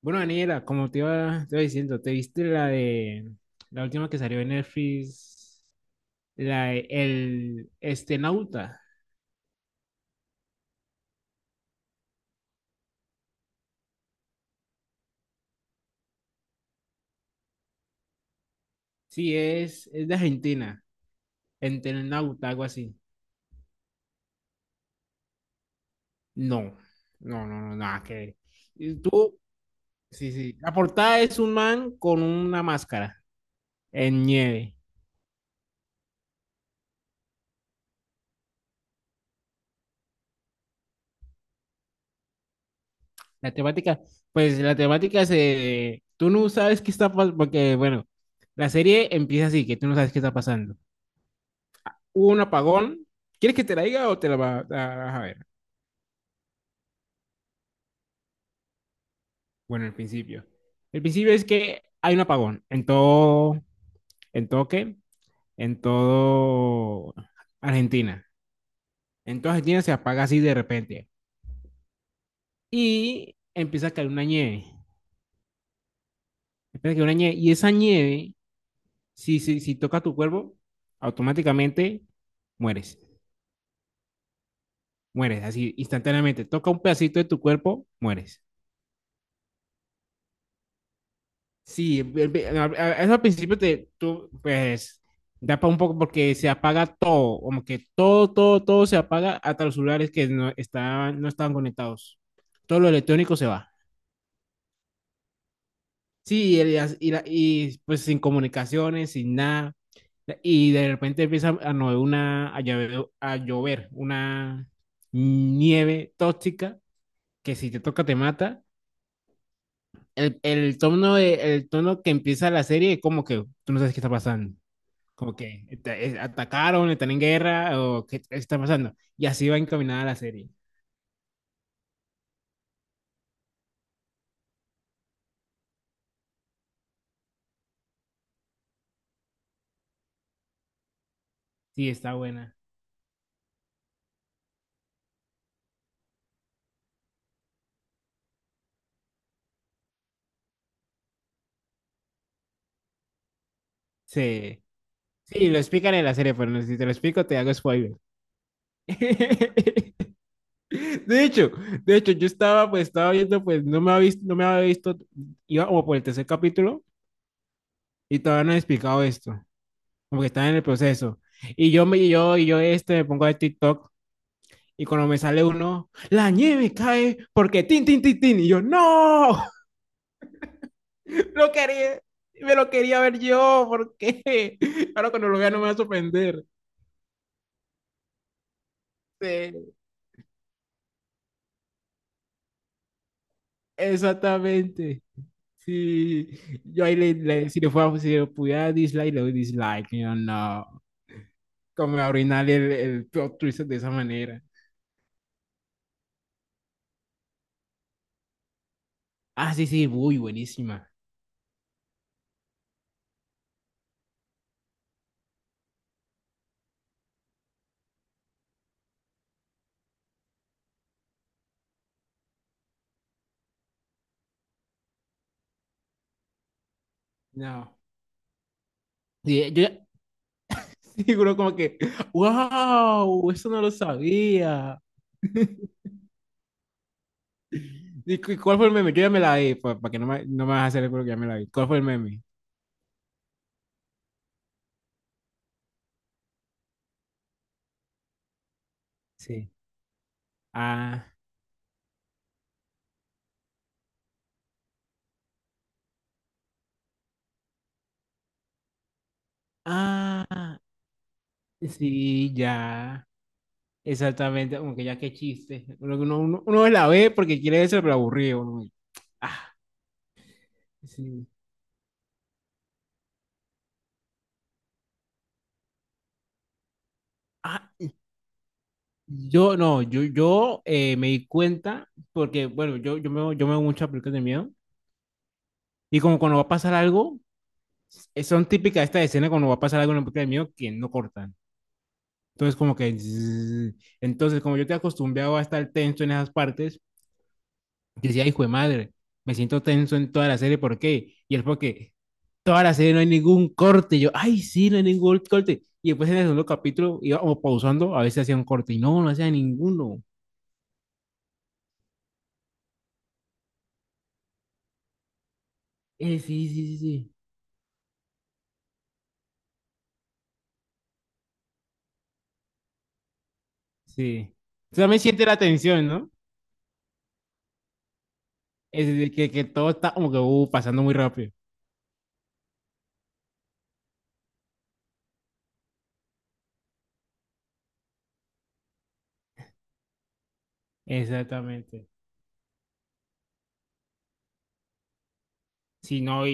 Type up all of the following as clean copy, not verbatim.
Bueno, Daniela, como te iba diciendo, ¿te viste la de la última que salió en Netflix? La de el Estenauta. Sí, es de Argentina. Entenauta, algo así. No, no, no, no, nada que ver. Y tú, sí, sí. La portada es un man con una máscara en nieve. La temática, pues la temática se... Tú no sabes qué está pasando, porque, bueno, la serie empieza así, que tú no sabes qué está pasando. Hubo un apagón. ¿Quieres que te la diga o te la vas a ver? Bueno, el principio. El principio es que hay un apagón en todo qué, en todo Argentina. En toda Argentina se apaga así de repente. Y empieza a caer una nieve. Empieza a caer una nieve. Y esa nieve, si toca tu cuerpo, automáticamente mueres. Mueres así instantáneamente. Toca un pedacito de tu cuerpo, mueres. Sí, eso al principio te, tú, pues, da para un poco porque se apaga todo, como que todo, todo, todo se apaga hasta los celulares que no estaban conectados. Todo lo electrónico se va. Sí, y, pues sin comunicaciones, sin nada. Y de repente empieza a, no, una, a llover, una nieve tóxica que si te toca te mata. El tono de, el tono que empieza la serie es como que tú no sabes qué está pasando. Como que atacaron, están en guerra, o qué está pasando. Y así va encaminada la serie. Sí, está buena. Sí, sí, lo explican en la serie, pero no, si te lo explico, te hago spoiler. De hecho, de hecho, yo estaba, pues, estaba viendo, pues, no me había visto, iba como por el tercer capítulo y todavía no he explicado esto, como que estaba en el proceso. Y yo me pongo a ver TikTok y cuando me sale uno, la nieve cae porque tin, tin, tin, tin, y yo, no. Lo quería, me lo quería ver yo, porque ahora cuando lo vea no me va a sorprender. Sí, exactamente. Sí, yo ahí si le fuera, si le pudiera dislike, le doy dislike, yo no. Como arruinar el plot twist de esa manera. Ah, sí, sí, muy buenísima. No. Sí, yo ya- seguro como que, wow, eso no lo sabía. ¿Y cuál fue el meme? Yo ya me la vi, para que no me, no me vas a hacer el que ya me la vi. ¿Cuál fue el meme? Sí. Ah. Ah. Sí, ya. Exactamente. Como que ya qué chiste. Uno, uno, uno la ve porque quiere eso, pero aburrido. Uno, y... Ah, sí. Ah, yo no, yo me di cuenta porque, bueno, yo me veo muchas películas de miedo. Y como cuando va a pasar algo, son típicas esta escena cuando va a pasar algo en una película de miedo que no cortan. Entonces, como que... zzzz. Entonces, como yo te acostumbrado a estar tenso en esas partes, yo decía, hijo de madre, me siento tenso en toda la serie, ¿por qué? Y es porque toda la serie no hay ningún corte. Y yo, ay, sí, no hay ningún corte. Y después en el segundo capítulo iba como pausando, a veces hacía un corte y no, no hacía ninguno. Sí, sí, sí, sí. Sí. O sea, me siente la tensión, ¿no? Es de que todo está como que pasando muy rápido. Exactamente. Sí, no, y,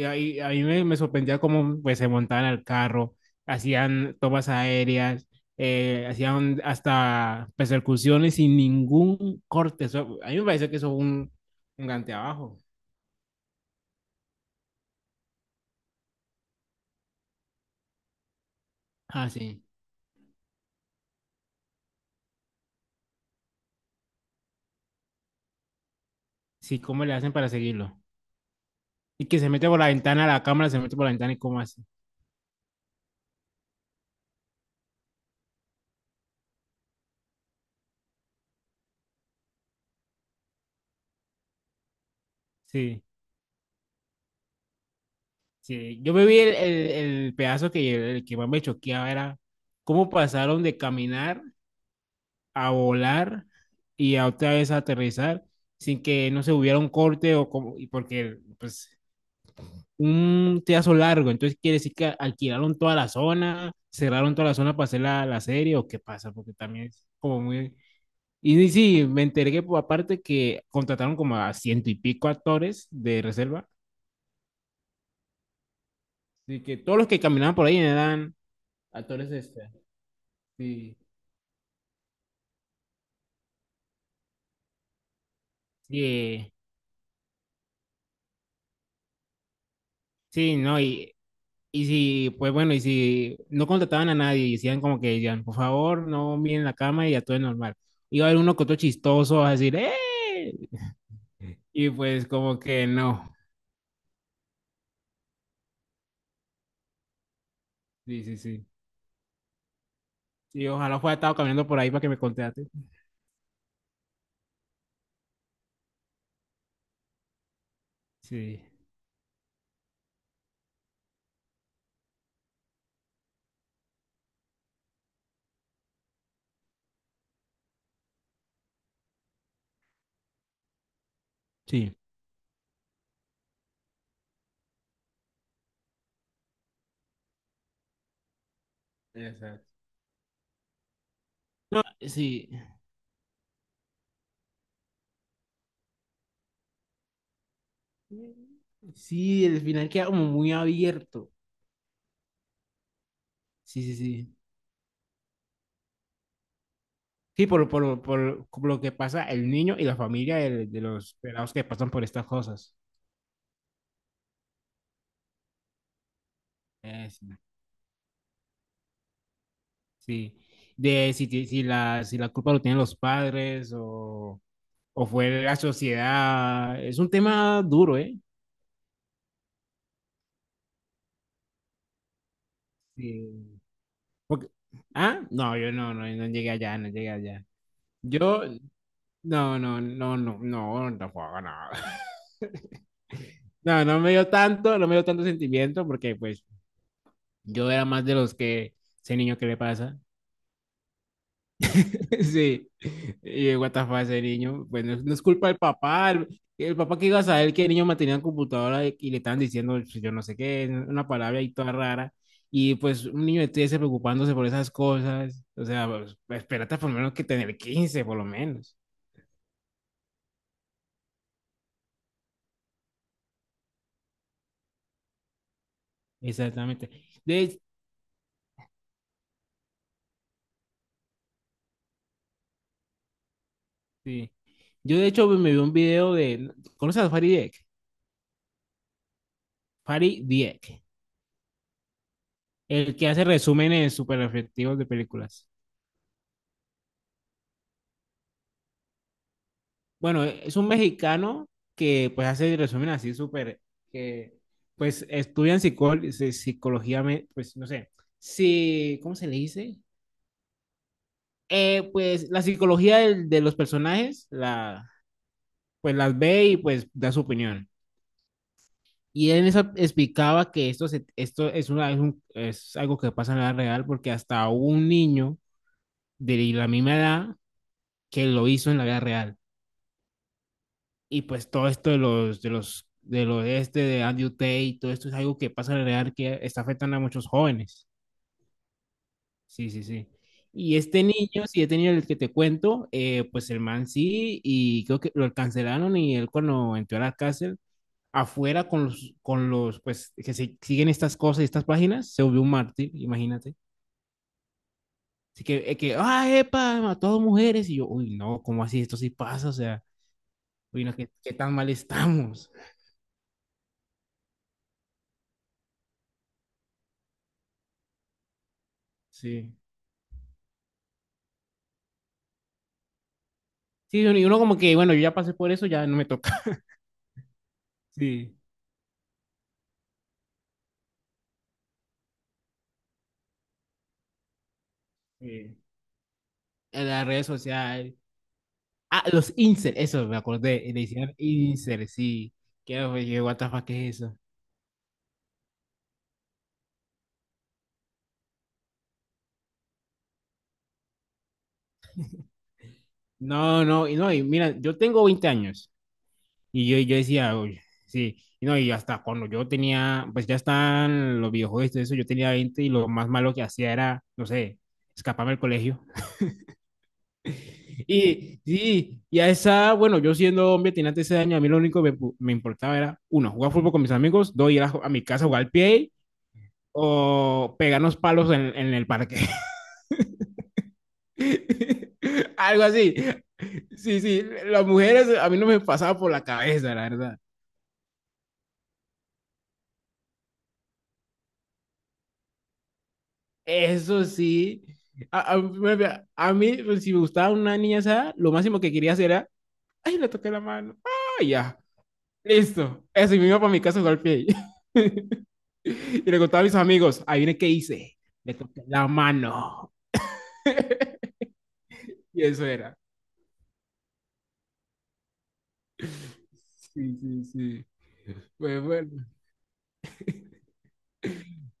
a mí me, me sorprendía cómo pues, se montaban al carro, hacían tomas aéreas, hacían hasta persecuciones sin ningún corte. Eso a mí me pareció que eso fue un gante abajo. Ah, sí. Sí, ¿cómo le hacen para seguirlo? Y que se mete por la ventana, la cámara se mete por la ventana y cómo hace. Sí, sí. Yo me vi el pedazo que, el que más me choqueaba era cómo pasaron de caminar a volar y a otra vez a aterrizar sin que no se hubiera un corte o como, y porque pues un pedazo largo, entonces quiere decir que alquilaron toda la zona, cerraron toda la zona para hacer la serie o qué pasa, porque también es como muy... Y sí, me enteré por aparte que contrataron como a ciento y pico actores de reserva. Así que todos los que caminaban por ahí eran actores este. Sí, sí, sí, no, y si, pues bueno, y si no contrataban a nadie y decían por favor, no miren la cama y actúen normal. Iba a haber uno que otro chistoso a decir, ¡eh! Y pues como que no. Sí, sí, sí. Sí, ojalá fuera estado caminando por ahí para que me contrate. Sí, sí. Exacto. No, sí. Sí, el final queda como muy abierto. Sí, sí, sí. Sí, por lo que pasa el niño y la familia de los pelados que pasan por estas cosas. Sí. Sí. De si la culpa lo tienen los padres o fue la sociedad. Es un tema duro, ¿eh? Sí. Porque... ah, no, yo no, no, no llegué allá. Yo, no, no, no, no, no, no, no, no. No, no me dio tanto sentimiento porque pues yo era más de los que, ese niño, ¿qué le pasa? Sí, y what the fuck, ese niño, bueno, no es culpa del papá, el papá que iba a saber que el niño mantenía la computadora y le estaban diciendo pues, yo no sé qué, una palabra ahí toda rara, y pues un niño de 13 preocupándose por esas cosas, o sea, pues, espérate por lo menos que tener 15 por lo menos, exactamente. De, sí. Yo de hecho me vi un video de, ¿conoces a Farid Diek? Farid Diek. El que hace resúmenes súper efectivos de películas. Bueno, es un mexicano que pues hace resúmenes así súper, que pues estudian psicología, pues no sé, si, ¿cómo se le dice? Pues la psicología de los personajes, la, pues las ve y pues da su opinión. Y él en eso explicaba que esto, esto es, una, es, es algo que pasa en la vida real porque hasta un niño de la misma edad que lo hizo en la vida real. Y pues todo esto del oeste, de este, de Andrew Tate, y todo esto es algo que pasa en la realidad que está afectando a muchos jóvenes. Sí, sí, sí. Y este niño, si he tenido el que te cuento, pues el man sí, y creo que lo cancelaron y él cuando entró a la cárcel, afuera con los, pues, que se, siguen estas cosas y estas páginas, se volvió un mártir, imagínate. Así que, ah, epa, mató a dos mujeres, y yo, uy, no, ¿cómo así? Esto sí pasa, o sea, uy, no, ¿qué, qué tan mal estamos? Sí. Sí, y uno como que, bueno, yo ya pasé por eso, ya no me toca. Sí. Sí. En las redes sociales. Ah, los inserts, eso me acordé, le hicieron inserts, sí. ¿Qué, oye, what the fuck, ¿qué es eso? No, no, y no, y mira, yo tengo 20 años yo decía, oye, sí, y no, y hasta cuando yo tenía, pues ya están los videojuegos y todo eso, yo tenía 20 y lo más malo que hacía era, no sé, escaparme del colegio. Y sí, y a esa, bueno, yo siendo hombre, tenía 13 años, a mí lo único que me importaba era, uno, jugar fútbol con mis amigos, dos, ir a mi casa a jugar al pie o pegarnos palos en el parque. Algo así. Sí, sí, las mujeres a mí no me pasaba por la cabeza, la verdad. Eso sí, a mí, pues, si me gustaba una niña esa, lo máximo que quería hacer era, ay, le toqué la mano, ay, ya. Listo. Eso, y me iba para mi casa a jugar play. Y le contaba a mis amigos, ahí viene qué hice. Le corté la mano. Y eso era. Sí, sí, sí. Pues bueno,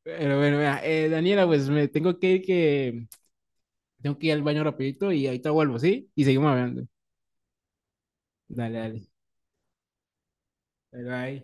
pero bueno, vea, Daniela, pues me tengo que ir que tengo que ir al baño rapidito y ahorita vuelvo, ¿sí? Y seguimos hablando. Dale, dale. Bye, bye.